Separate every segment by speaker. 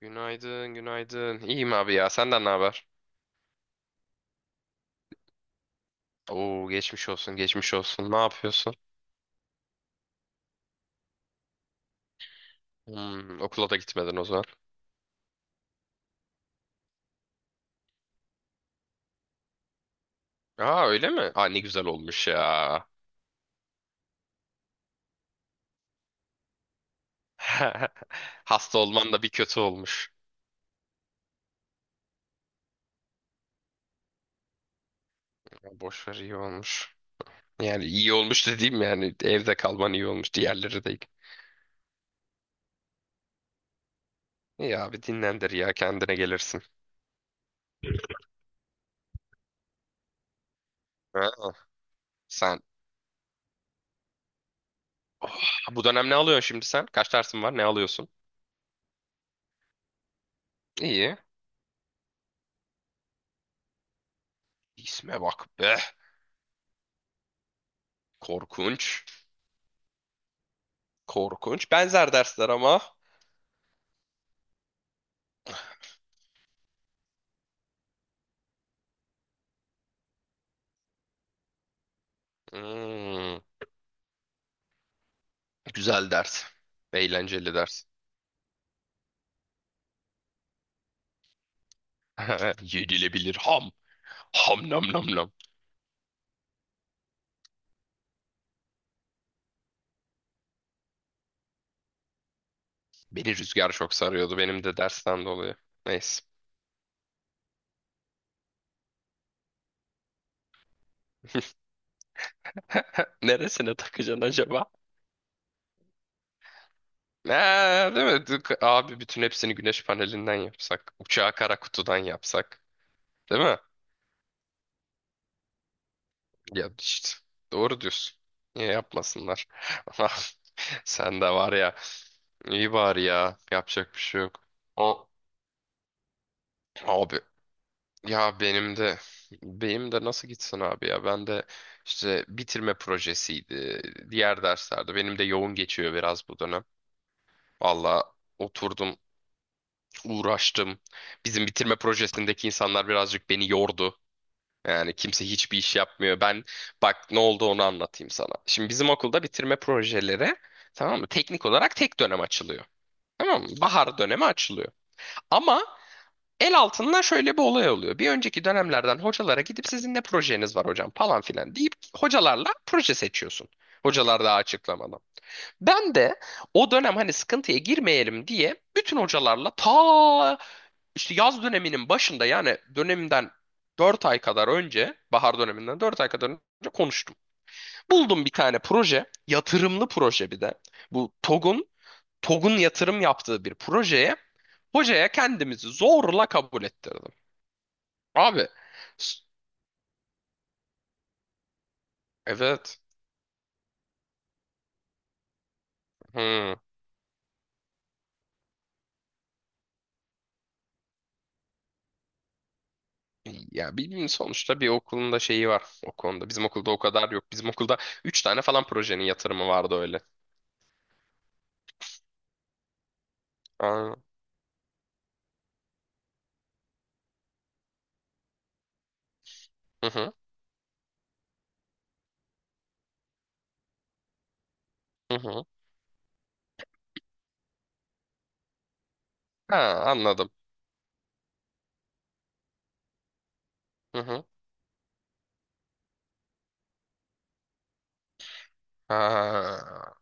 Speaker 1: Günaydın, günaydın. İyiyim abi ya. Senden ne haber? Oo, geçmiş olsun, geçmiş olsun. Ne yapıyorsun? Hmm, okula da gitmedin o zaman. Aa, öyle mi? Aa, ne güzel olmuş ya. Hasta olman da bir kötü olmuş. Ya, boş ver, iyi olmuş. Yani iyi olmuş dediğim yani evde kalman iyi olmuş. Diğerleri değil. İyi abi dinlendir ya kendine gelirsin. Ha. sen Oh, bu dönem ne alıyorsun şimdi sen? Kaç dersin var? Ne alıyorsun? İyi. İsme bak be. Korkunç. Korkunç. Benzer dersler ama. Hmm, güzel ders. Eğlenceli ders. Yenilebilir ham. Ham nam nam nam. Beni rüzgar çok sarıyordu benim de dersten dolayı. Neyse. Neresine takacaksın acaba? Ee, değil mi? Abi bütün hepsini güneş panelinden yapsak. Uçağı kara kutudan yapsak. Değil mi? Ya işte. Doğru diyorsun. Niye yapmasınlar? Sen de var ya. İyi bari ya. Yapacak bir şey yok. O- Abi. Ya benim de nasıl gitsin abi ya ben de işte bitirme projesiydi, diğer derslerde benim de yoğun geçiyor biraz bu dönem. Valla oturdum, uğraştım, bizim bitirme projesindeki insanlar birazcık beni yordu. Yani kimse hiçbir iş yapmıyor. Ben, bak ne oldu onu anlatayım sana. Şimdi bizim okulda bitirme projeleri, tamam mı, teknik olarak tek dönem açılıyor. Tamam mı? Bahar dönemi açılıyor. Ama el altından şöyle bir olay oluyor. Bir önceki dönemlerden hocalara gidip sizin ne projeniz var hocam falan filan deyip hocalarla proje seçiyorsun. Hocalar daha açıklamadan. Ben de o dönem hani sıkıntıya girmeyelim diye bütün hocalarla, ta işte yaz döneminin başında, yani dönemden 4 ay kadar önce, bahar döneminden 4 ay kadar önce konuştum. Buldum bir tane proje, yatırımlı proje bir de. Bu TOG'un yatırım yaptığı bir projeye hocaya kendimizi zorla kabul ettirdim. Abi, s- evet. Hmm. Ya bilmiyorum sonuçta bir okulun da şeyi var o konuda. Bizim okulda o kadar yok. Bizim okulda 3 tane falan projenin yatırımı vardı öyle. Aa, hı hı, hı hı. Ha, anladım. Hı hı. Ha,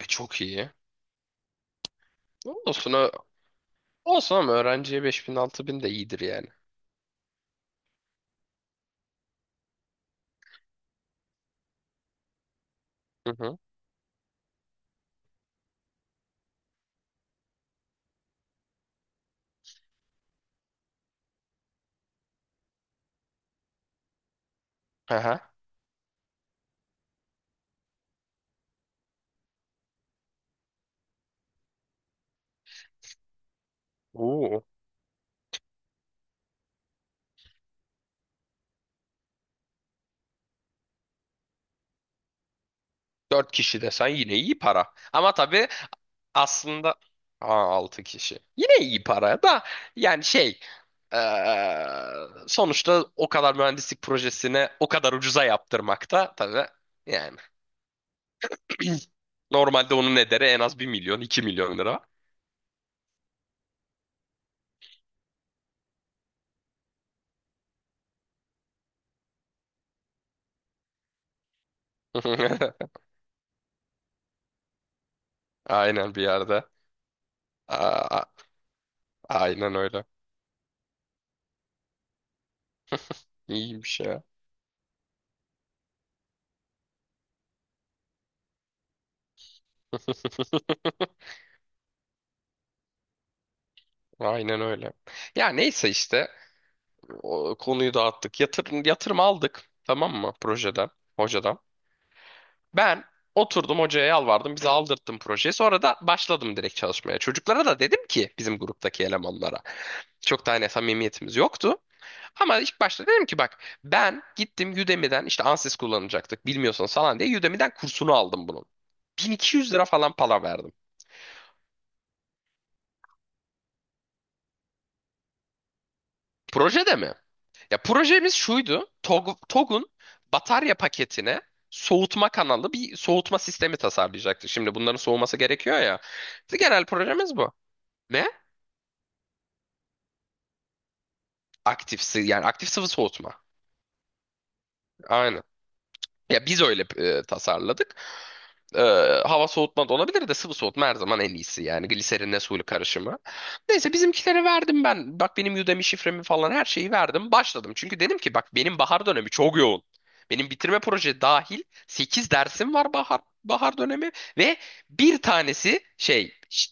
Speaker 1: çok iyi. Olsun, olsun ama öğrenciye 5000 6000 de iyidir yani. Hı hı. Aha. Oo. 4 kişi desen yine iyi para. Ama tabii aslında 6 kişi. Yine iyi para da, yani şey, eee, sonuçta o kadar mühendislik projesini o kadar ucuza yaptırmak da tabii yani normalde onun ederi en az bir milyon 2 milyon lira. Aynen bir yerde. Aa, aynen öyle. İyiymiş ya. Aynen öyle. Ya neyse işte o konuyu dağıttık. Yatırım, yatırım aldık. Tamam mı projeden, hocadan? Ben oturdum hocaya yalvardım. Bize aldırttım projeyi. Sonra da başladım direkt çalışmaya. Çocuklara da dedim ki bizim gruptaki elemanlara. Çok da hani samimiyetimiz yoktu. Ama ilk başta dedim ki bak ben gittim Udemy'den işte Ansys kullanacaktık bilmiyorsanız falan diye Udemy'den kursunu aldım bunun. 1200 lira falan para verdim. Projede mi? Ya projemiz şuydu. TOG'un batarya paketine soğutma kanalı, bir soğutma sistemi tasarlayacaktı. Şimdi bunların soğuması gerekiyor ya. Genel projemiz bu. Ne? Yani aktif sıvı soğutma. Aynen. Ya biz öyle tasarladık. E, Hava soğutma da olabilir de sıvı soğutma her zaman en iyisi yani gliserinle suyla karışımı. Neyse bizimkilere verdim ben. Bak benim Udemy şifremi falan her şeyi verdim. Başladım. Çünkü dedim ki bak benim bahar dönemi çok yoğun. Benim bitirme proje dahil 8 dersim var, bahar dönemi ve bir tanesi şey,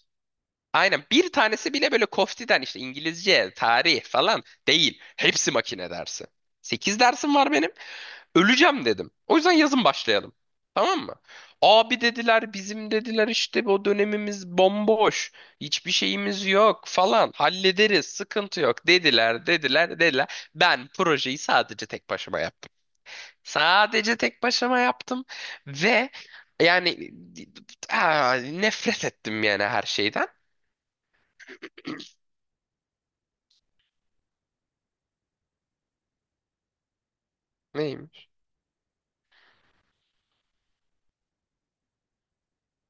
Speaker 1: aynen bir tanesi bile böyle koftiden işte İngilizce, tarih falan değil. Hepsi makine dersi. Sekiz dersim var benim. Öleceğim dedim. O yüzden yazın başlayalım. Tamam mı? Abi dediler bizim dediler işte o dönemimiz bomboş. Hiçbir şeyimiz yok falan. Hallederiz sıkıntı yok dediler dediler dediler. Ben projeyi sadece tek başıma yaptım. Sadece tek başıma yaptım ve yani, ah, nefret ettim yani her şeyden. Neymiş?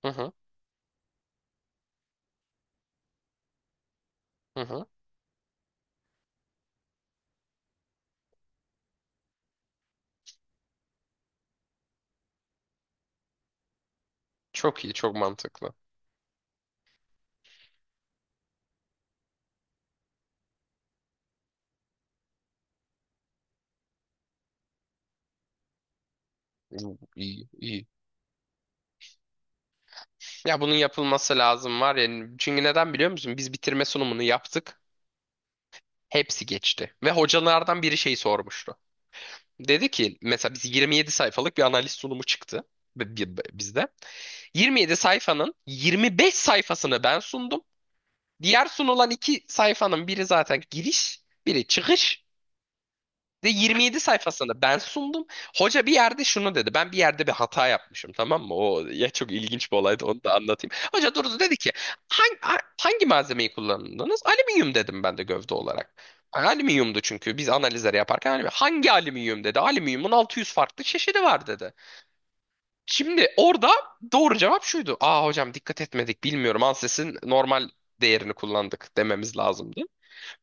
Speaker 1: Hı hı, hı hı. Çok iyi, çok mantıklı. İyi iyi. İyi. Ya bunun yapılması lazım var ya. Çünkü neden biliyor musun? Biz bitirme sunumunu yaptık. Hepsi geçti. Ve hocalardan biri şey sormuştu. Dedi ki mesela biz 27 sayfalık bir analiz sunumu çıktı bizde. 27 sayfanın 25 sayfasını ben sundum. Diğer sunulan iki sayfanın biri zaten giriş, biri çıkış. Ve 27 sayfasında ben sundum. Hoca bir yerde şunu dedi. Ben bir yerde bir hata yapmışım, tamam mı? O ya çok ilginç bir olaydı, onu da anlatayım. Hoca durdu dedi ki hangi malzemeyi kullandınız? Alüminyum dedim ben de gövde olarak. Yani alüminyumdu çünkü biz analizleri yaparken alüminyum. Hangi alüminyum dedi. Alüminyumun 600 farklı çeşidi var dedi. Şimdi orada doğru cevap şuydu. Aa hocam dikkat etmedik bilmiyorum. Anses'in normal değerini kullandık dememiz lazımdı.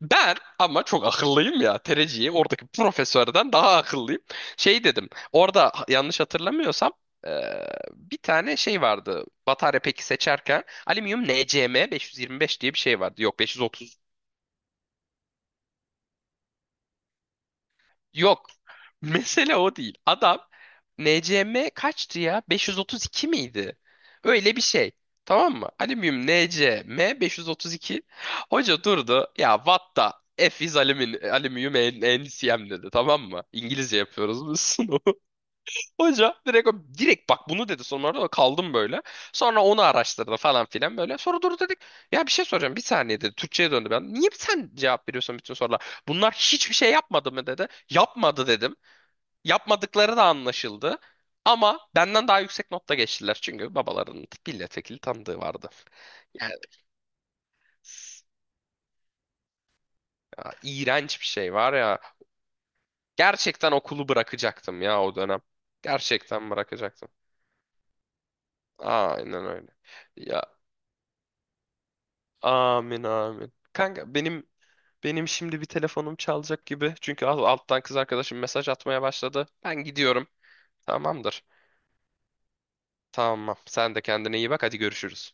Speaker 1: Ben ama çok akıllıyım ya. Tereciyi oradaki profesörden daha akıllıyım. Şey dedim. Orada yanlış hatırlamıyorsam bir tane şey vardı. Batarya peki seçerken alüminyum NCM 525 diye bir şey vardı. Yok, yok. Mesele o değil. Adam NCM kaçtı ya? 532 miydi? Öyle bir şey. Tamam mı? Alüminyum NCM 532. Hoca durdu. Ya what the F is alüminyum NCM dedi. Tamam mı? İngilizce yapıyoruz biz sınavı. Hoca direkt direkt bak bunu dedi sonra da kaldım böyle. Sonra onu araştırdı falan filan böyle. Sonra durdu dedik ya bir şey soracağım bir saniye dedi. Türkçe'ye döndü ben. Niye sen cevap veriyorsun bütün sorulara? Bunlar hiçbir şey yapmadı mı dedi. Yapmadı dedim. Yapmadıkları da anlaşıldı. Ama benden daha yüksek notta geçtiler. Çünkü babalarının milletvekili tanıdığı vardı. Yani s- ya, iğrenç bir şey var ya. Gerçekten okulu bırakacaktım ya o dönem. Gerçekten bırakacaktım. Aynen öyle. Ya. Amin amin. Kanka benim şimdi bir telefonum çalacak gibi. Çünkü alttan kız arkadaşım mesaj atmaya başladı. Ben gidiyorum. Tamamdır. Tamam. Sen de kendine iyi bak. Hadi görüşürüz.